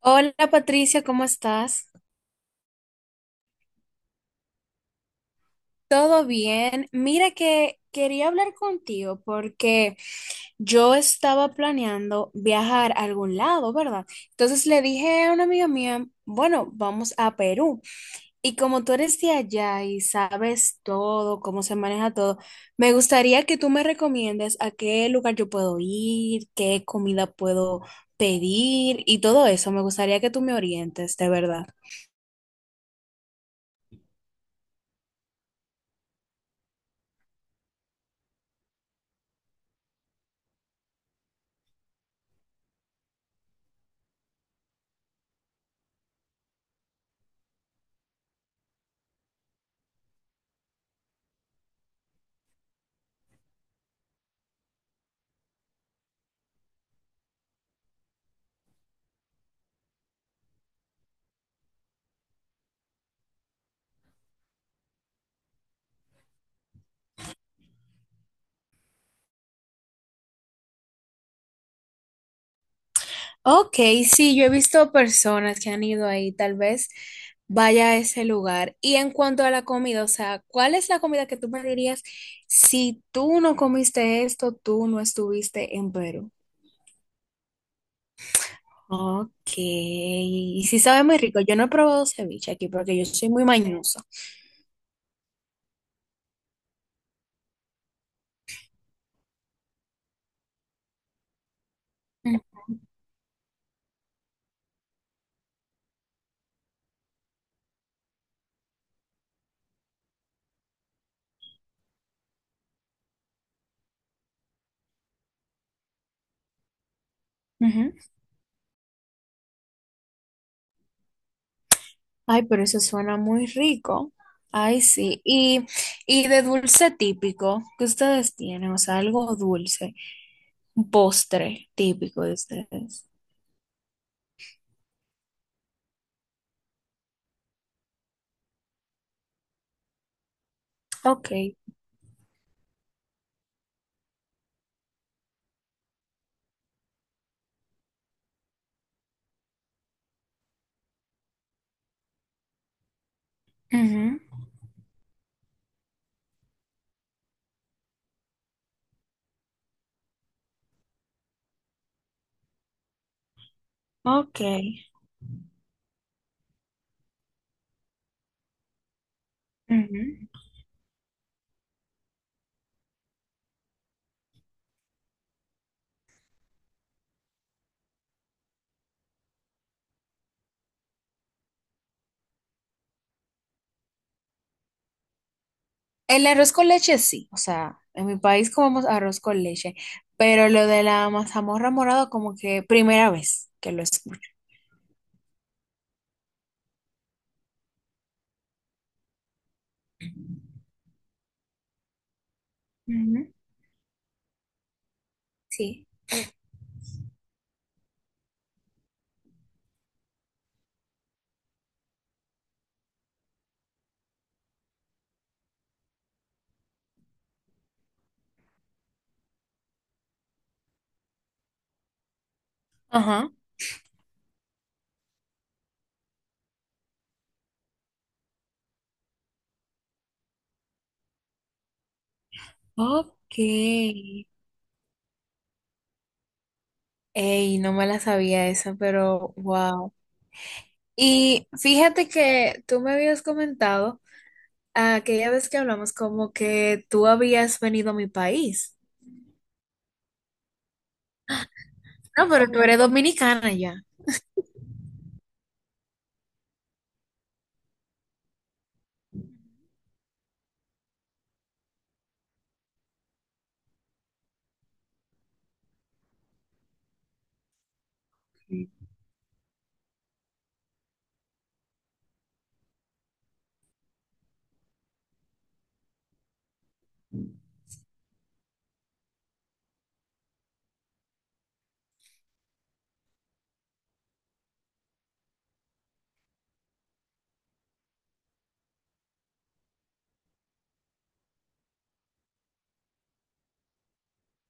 Hola Patricia, ¿cómo estás? ¿Todo bien? Mira que quería hablar contigo porque yo estaba planeando viajar a algún lado, ¿verdad? Entonces le dije a una amiga mía, bueno, vamos a Perú. Y como tú eres de allá y sabes todo, cómo se maneja todo, me gustaría que tú me recomiendes a qué lugar yo puedo ir, qué comida puedo pedir y todo eso. Me gustaría que tú me orientes, de verdad. Ok, sí, yo he visto personas que han ido ahí, tal vez vaya a ese lugar. Y en cuanto a la comida, o sea, ¿cuál es la comida que tú me dirías si tú no comiste esto, tú no estuviste en Perú? Ok, y sí sabe muy rico. Yo no he probado ceviche aquí porque yo soy muy mañosa. Mm, ujú. Ay, pero eso suena muy rico. Ay, sí. Y de dulce típico que ustedes tienen, o sea, algo dulce, un postre típico de ustedes. Ok. Ujú. Ok. Ujú. El arroz con leche sí, o sea, en mi país comemos arroz con leche, pero lo de la mazamorra morada como que primera vez que lo escucho. Ujú. Sí. Ajá. Ok. Ey, no me la sabía esa, pero wow. Y fíjate que tú me habías comentado aquella vez que hablamos como que tú habías venido a mi país. No, pero tú eres dominicana ya.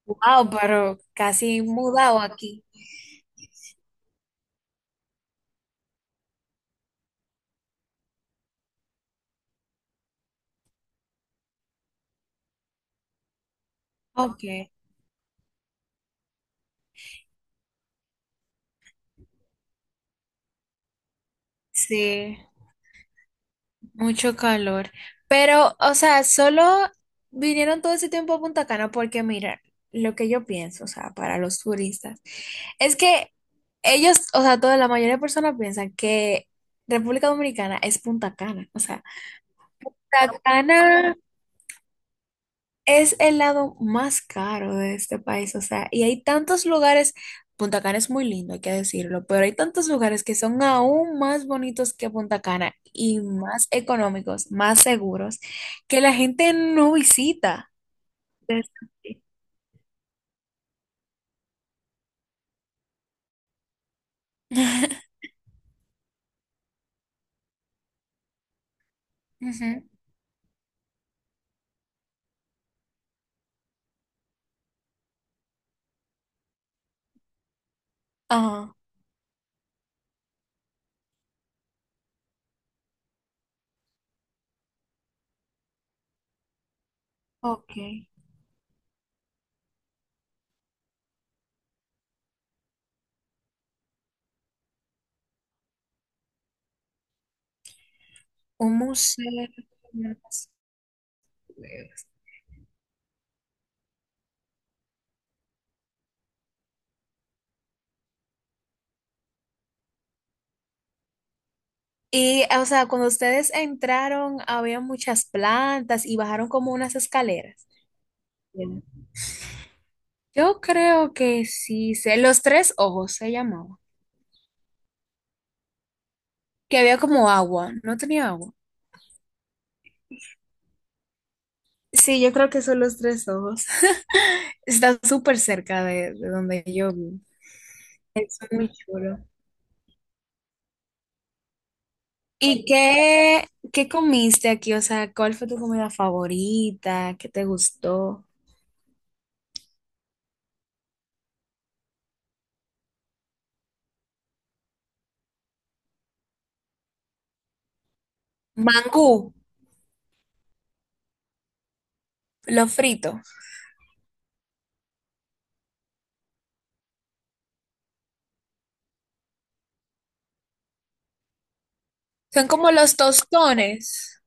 Wow, pero casi mudado aquí. Ok, sí, mucho calor. Pero, o sea, solo vinieron todo ese tiempo a Punta Cana porque, mira, lo que yo pienso, o sea, para los turistas, es que ellos, o sea, toda la mayoría de personas piensan que República Dominicana es Punta Cana. O sea, Punta Cana es el lado más caro de este país, o sea, y hay tantos lugares, Punta Cana es muy lindo, hay que decirlo, pero hay tantos lugares que son aún más bonitos que Punta Cana y más económicos, más seguros, que la gente no visita. Desde aquí. Ujú. Ah, ok. Un museo. Unas y, o sea, cuando ustedes entraron, había muchas plantas y bajaron como unas escaleras. Yo creo que sí sé. Los tres ojos se llamaba. Que había como agua. No tenía agua. Sí, yo creo que son los tres ojos. Está súper cerca de donde yo vivo. Es muy chulo. ¿Y qué, qué comiste aquí? O sea, ¿cuál fue tu comida favorita? ¿Qué te gustó? Mangú, lo frito. Son como los tostones.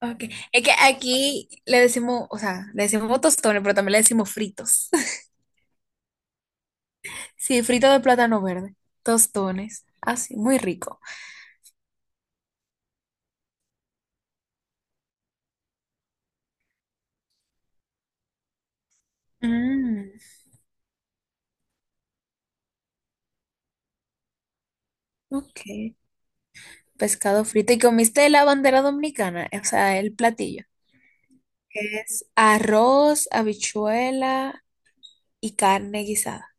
Okay. Es que aquí le decimos, o sea, le decimos tostones, pero también le decimos fritos. Sí, frito de plátano verde, tostones, así, muy rico. Mm, ok, pescado frito. ¿Y comiste la bandera dominicana? O sea, el platillo. Es arroz, habichuela y carne guisada.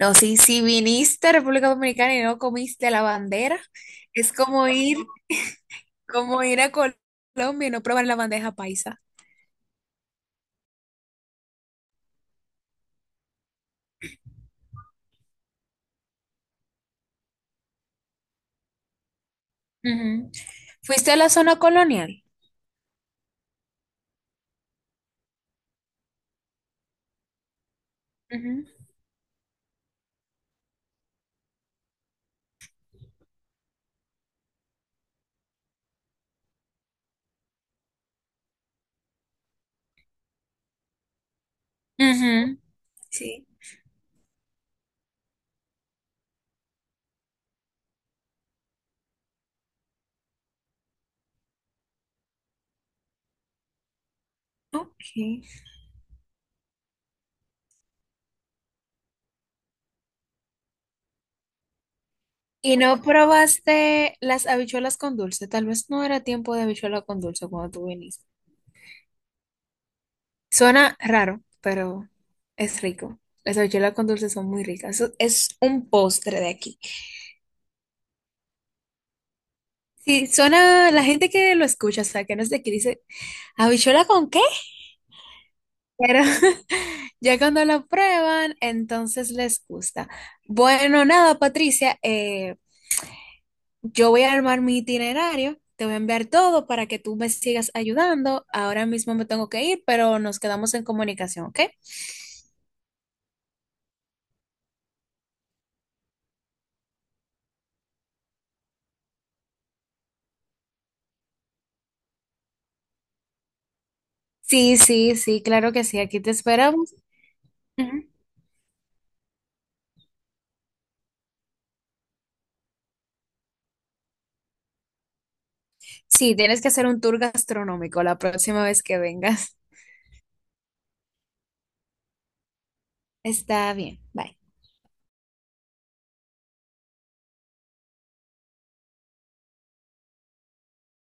No, sí, si viniste a República Dominicana y no comiste la bandera, es como ir a Colombia y no probar la bandeja paisa. Ujú. ¿Fuiste a la zona colonial? Ujú. Ujú. Sí. Ok. ¿Y no probaste las habichuelas con dulce? Tal vez no era tiempo de habichuela con dulce cuando tú viniste. Suena raro, pero es rico. Las habichuelas con dulce son muy ricas. Eso es un postre de aquí. Sí, suena, la gente que lo escucha, o sea, que no es de aquí, dice, ¿habichuela con qué? Pero ya cuando lo prueban, entonces les gusta. Bueno, nada, Patricia, yo voy a armar mi itinerario, te voy a enviar todo para que tú me sigas ayudando. Ahora mismo me tengo que ir, pero nos quedamos en comunicación, ¿ok? Sí, sí, sí, claro que sí, aquí te esperamos. Ujú. Sí, tienes que hacer un tour gastronómico la próxima vez que vengas. Está bien, bye.